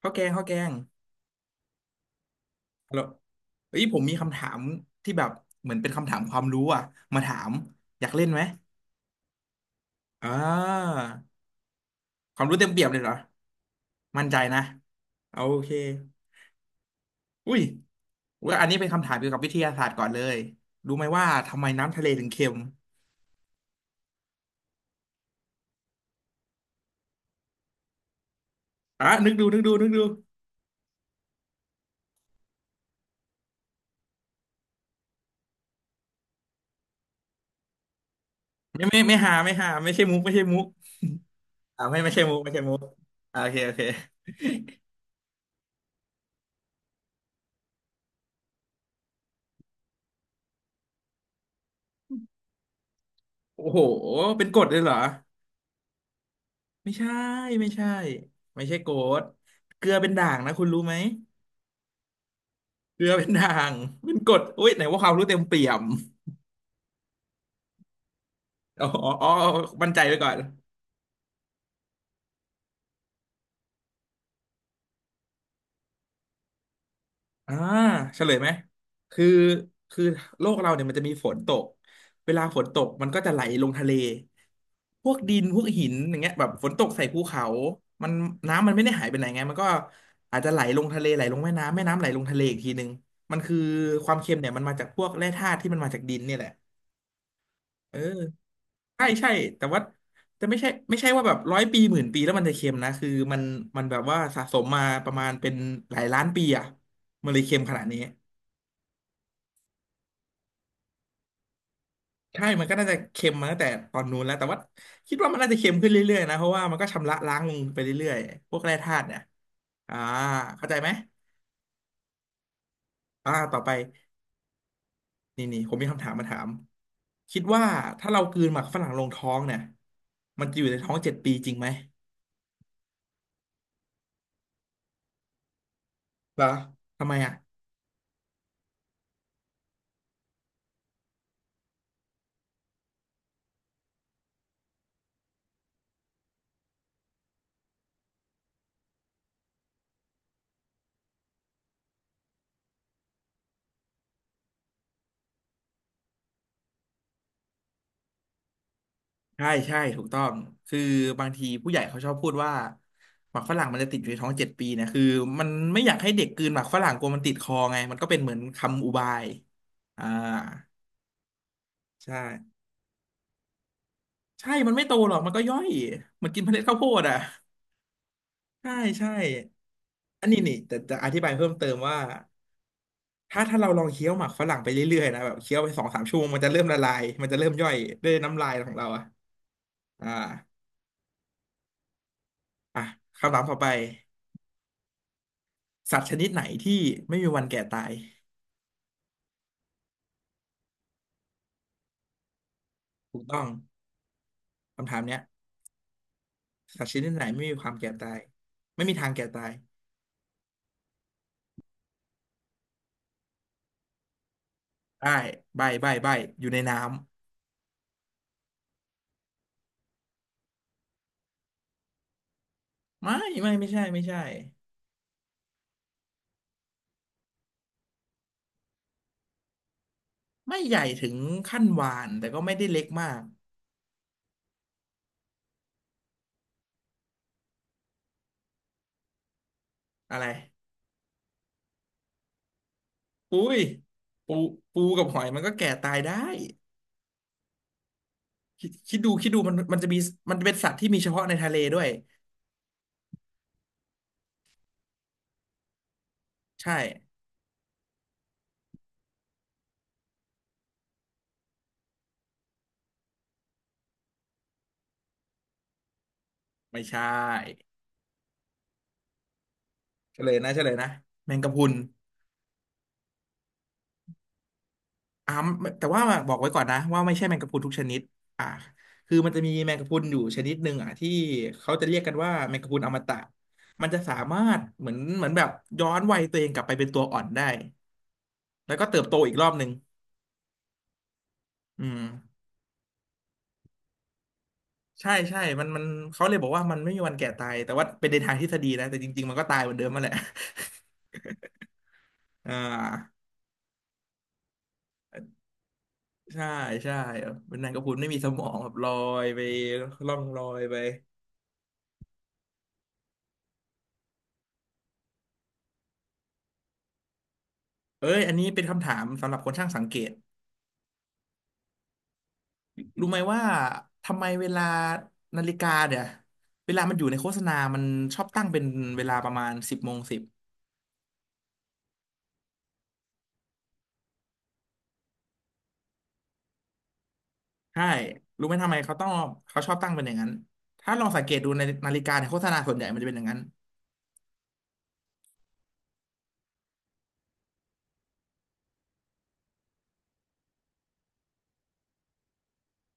ข้าวแกงข้าวแกงแล้วเอ้ยผมมีคำถามที่แบบเหมือนเป็นคำถามความรู้อ่ะมาถามอยากเล่นไหมอ่าความรู้เต็มเปี่ยมเลยเหรอมั่นใจนะโอเคอุ้ยว่าอันนี้เป็นคำถามเกี่ยวกับวิทยาศาสตร์ก่อนเลยรู้ไหมว่าทำไมน้ำทะเลถึงเค็มอ่ะนึกดูนึกดูนึกดูไม่ไม่ไม่หาไม่หาไม่ใช่มุกไม่ใช่มุกไม่ใช่มุกไม่ใช่มุกอ่าโอเคโอเคโอ้โหเป็นกฎเลยเหรอ ไม่ใช่ไม่ใช่ไม่ใช่โกดเกลือเป็นด่างนะคุณรู้ไหมเกลือเป็นด่างเป็นกรดอุ้ยไหนว่าความรู้เต็มเปี่ยมอ๋ออ๋ออ๋อมั่นใจไว้ก่อนอ่าเฉลยไหมคือคือโลกเราเนี่ยมันจะมีฝนตกเวลาฝนตกมันก็จะไหลลงทะเลพวกดินพวกหินอย่างเงี้ยแบบฝนตกใส่ภูเขามันน้ำมันไม่ได้หายไปไหนไงมันก็อาจจะไหลลงทะเลไหลลงแม่น้ำแม่น้ำไหลลงทะเลอีกทีนึงมันคือความเค็มเนี่ยมันมาจากพวกแร่ธาตุที่มันมาจากดินเนี่ยแหละ เออใช่ใช่แต่ว่าแต่ไม่ใช่ไม่ใช่ว่าแบบร้อยปีหมื่นปีแล้วมันจะเค็มนะคือมันแบบว่าสะสมมาประมาณเป็นหลายล้านปีอ่ะมันเลยเค็มขนาดนี้ใช่มันก็น่าจะเค็มมาตั้งแต่ตอนนู้นแล้วแต่ว่าคิดว่ามันน่าจะเค็มขึ้นเรื่อยๆนะเพราะว่ามันก็ชำระล้างลงไปเรื่อยๆพวกแร่ธาตุเนี่ยอ่าเข้าใจไหมอ่าต่อไปนี่นี่ผมมีคำถามมาถามคิดว่าถ้าเรากลืนหมากฝรั่งลงท้องเนี่ยมันจะอยู่ในท้องเจ็ดปีจริงไหมเหรอทำไมอ่ะ ใช่ใช่ถูกต้องคือบางทีผู้ใหญ่เขาชอบพูดว่าหมักฝรั่งมันจะติดอยู่ในท้องเจ็ดปีนะคือมันไม่อยากให้เด็กกลืนหมักฝรั่งกลัวมันติดคอไงมันก็เป็นเหมือนคำอุบายอ่าใช่ใช่มันไม่โตหรอกมันก็ย่อยเหมันกินเมล็ดข้าวโพดอ่ะใช่ใช่อันนี้นี่แต่จะอธิบายเพิ่มเติมว่าถ้าเราลองเคี้ยวหมักฝรั่งไปเรื่อยๆนะแบบเคี้ยวไปสองสามชั่วโมงมันจะเริ่มละลายมันจะเริ่มย่อยด้วยน้ำลายของเราอ่ะอ่าอ่ะคำถามต่อไปสัตว์ชนิดไหนที่ไม่มีวันแก่ตาย ถูกต้องคำถามเนี้ยสัตว์ชนิดไหนไม่มีความแก่ตายไม่มีทางแก่ตายได้ใบใบใบอยู่ในน้ำไม่ไม่ไม่ใช่ไม่ใช่ไม่ใหญ่ถึงขั้นวาฬแต่ก็ไม่ได้เล็กมากอะไรอุ้ยปูปูกับหอยมันก็แก่ตายได้คิดดูคิดดูมันจะมีมันเป็นสัตว์ที่มีเฉพาะในทะเลด้วยใช่ไม่ใช่เฉลยนะเฉลยนะแมงกะพรุน อ่าแต่ว่าบอกไว้ก่อนนะว่าไม่ใช่แมงกะพรุนทุกชนิดอ่าคือมันจะมีแมงกะพรุนอยู่ชนิดหนึ่งอ่ะที่เขาจะเรียกกันว่าแมงกะพรุนอมตะมันจะสามารถเหมือนแบบย้อนวัยตัวเองกลับไปเป็นตัวอ่อนได้แล้วก็เติบโตอีกรอบหนึ่งอืมใช่ใช่มันเขาเลยบอกว่ามันไม่มีวันแก่ตายแต่ว่าเป็นในทางทฤษฎีนะแต่จริงๆมันก็ตายเหมือนเดิมมาแหละ อ่าใช่ใช่เป็นแมงกระพรุนไม่มีสมองแบบลอยไปล่องลอยไปเอ้ยอันนี้เป็นคำถามสำหรับคนช่างสังเกต รู้ไหมว่าทำไมเวลานาฬิกาเนี่ยเวลามันอยู่ในโฆษณามันชอบตั้งเป็นเวลาประมาณ10:10ใช่รู้ไหมทำไมเขาชอบตั้งเป็นอย่างนั้นถ้าลองสังเกตดูในนาฬิกาในโฆษณาส่วนใหญ่มันจะเป็นอย่างนั้น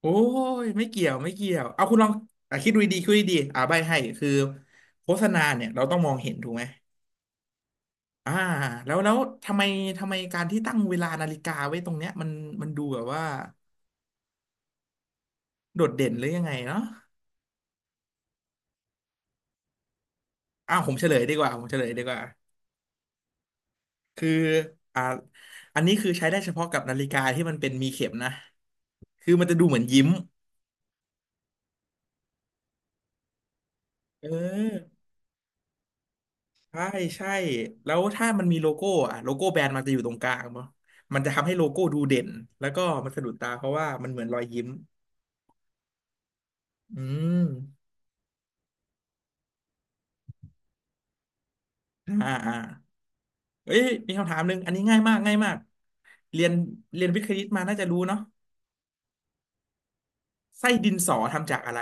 โอ้ยไม่เกี่ยวไม่เกี่ยวเอาคุณลองอ่ะคิดดูดีๆคิดดูดีๆอ่าใบให้คือโฆษณาเนี่ยเราต้องมองเห็นถูกไหมอ่าแล้วทำไมทำไมการที่ตั้งเวลานาฬิกาไว้ตรงเนี้ยมันดูแบบว่าโดดเด่นหรือยังไงเนาะอ้าวผมเฉลยดีกว่า คืออ่าอันนี้คือใช้ได้เฉพาะกับนาฬิกาที่มันเป็นมีเข็มนะคือมันจะดูเหมือนยิ้มเออใช่ใช่แล้วถ้ามันมีโลโก้อะโลโก้แบรนด์มันจะอยู่ตรงกลางเนาะมันจะทำให้โลโก้ดูเด่นแล้วก็มันสะดุดตาเพราะว่ามันเหมือนรอยยิ้มอืมอ่าอ่าเอ้ยมีคำถามหนึ่งอันนี้ง่ายมากง่ายมากเรียนเรียนวิทย์คณิตมาน่าจะรู้เนาะไส้ดินสอทำจากอะไร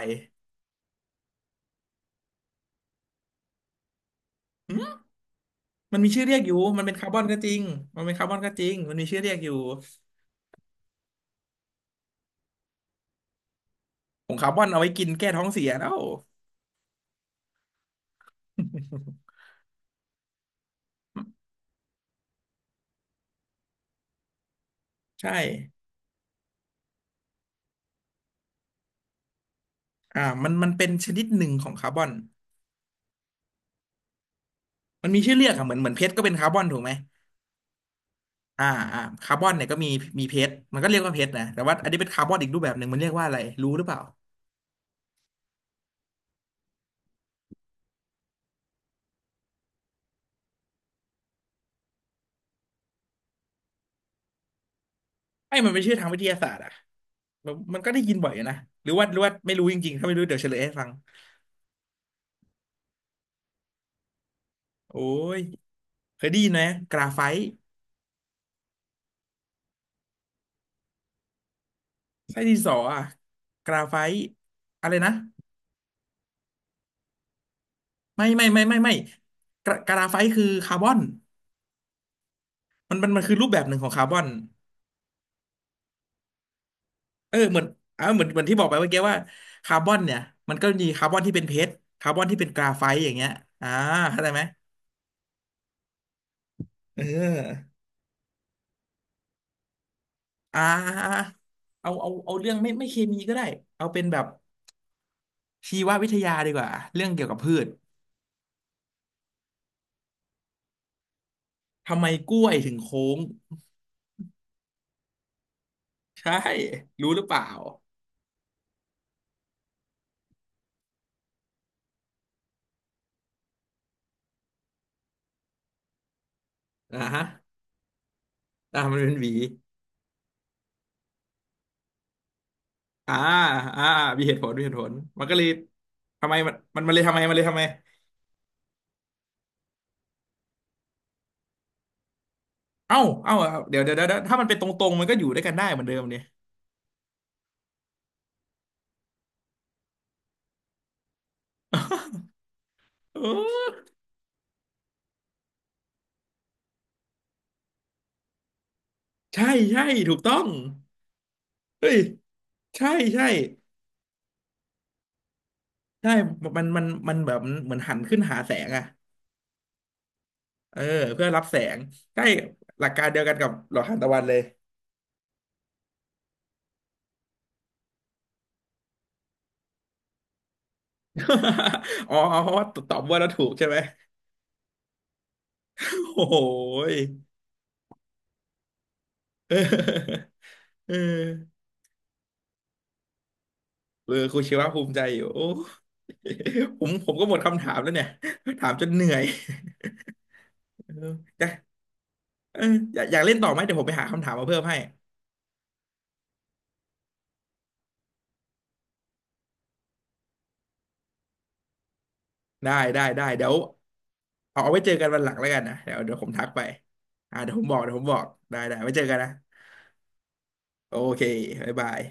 มันมีชื่อเรียกอยู่มันเป็นคาร์บอนก็จริงมันเป็นคาร์บอนก็จริงมันมีชื่อเรียกอยู่ ผงคาร์บอนเอาไว้กินแก้ท้องเสียแล้ว ใช่มันเป็นชนิดหนึ่งของคาร์บอนมันมีชื่อเรียกอะเหมือนเพชรก็เป็นคาร์บอนถูกไหมอ่าคาร์บอนเนี่ยก็มีมีเพชรมันก็เรียกว่าเพชรนะแต่ว่าอันนี้เป็นคาร์บอนอีกรูปแบบหนึ่งมันเรียกว่าอะไรรู้หรือเปล่าไอ้ยมันเป็นชื่อทางวิทยาศาสตร์อะมันก็ได้ยินบ่อยอยู่นะหรือว่าไม่รู้จริงๆถ้าไม่รู้เดี๋ยวเฉลยให้ฟังโอ้ยเคยได้ยินไหมกราไฟต์ไส้ดินสออะกราไฟต์อะไรนะไม่กราไฟต์คือคาร์บอน มันคือรูปแบบหนึ่งของคาร์บอนเออเหมือนเหมือนที่บอกไปเมื่อกี้ว่าคาร์บอนเนี่ยมันก็มีคาร์บอนที่เป็นเพชรคาร์บอนที่เป็นกราไฟต์อย่างเงี้ยอ่าเข้าใจไหมเอออ่าเอาเรื่องไม่เคมีก็ได้เอาเป็นแบบชีววิทยาดีกว่าเรื่องเกี่ยวกับพืชทำไมกล้วยถึงโค้งใช่รู้หรือเปล่าอ่าฮะอ่ามันเป็นหวีอ่าอ่ามีเหตุผลมีเหตุผลมันก็เลยทำไมมันเลยทำไมมันเลยทำไม เอ้าเอ้าเอาเดี๋ยว ถ้ามันเป็นตรงๆมันก็อยู่ด้วยกันได้เหมือนเดิมเนี่ยเออใช่ใช่ถูกต้อง เฮ้ย ใช่ใช่ใช่มันแบบเหมือนหันขึ้นหาแสงอ่ะเออเพื่อรับแสงใช่หลักการเดียวกันกับหลอดทานตะวันเลย อ๋ออ๋อเพราะว่าตอบว่าเราถูกใช่ไหม โอ้โหยเออเออเออครูชีวะภูมิใจอยู่โอ้ผมก็หมดคำถามแล้วเนี่ย ถามจนเหนื่อย เอออยากเอออยากเล่นต่อไหมเดี๋ยวผมไปหาคำถามมาเพิ่มให้ได้เดี๋ยวเอาไว้เจอกันวันหลังแล้วกันนะเดี๋ยวผมทักไปอ่าเดี๋ยวผมบอกเดี๋ยวผมบอกได้ไว้เจอกันนะโอเคบ๊ายบาย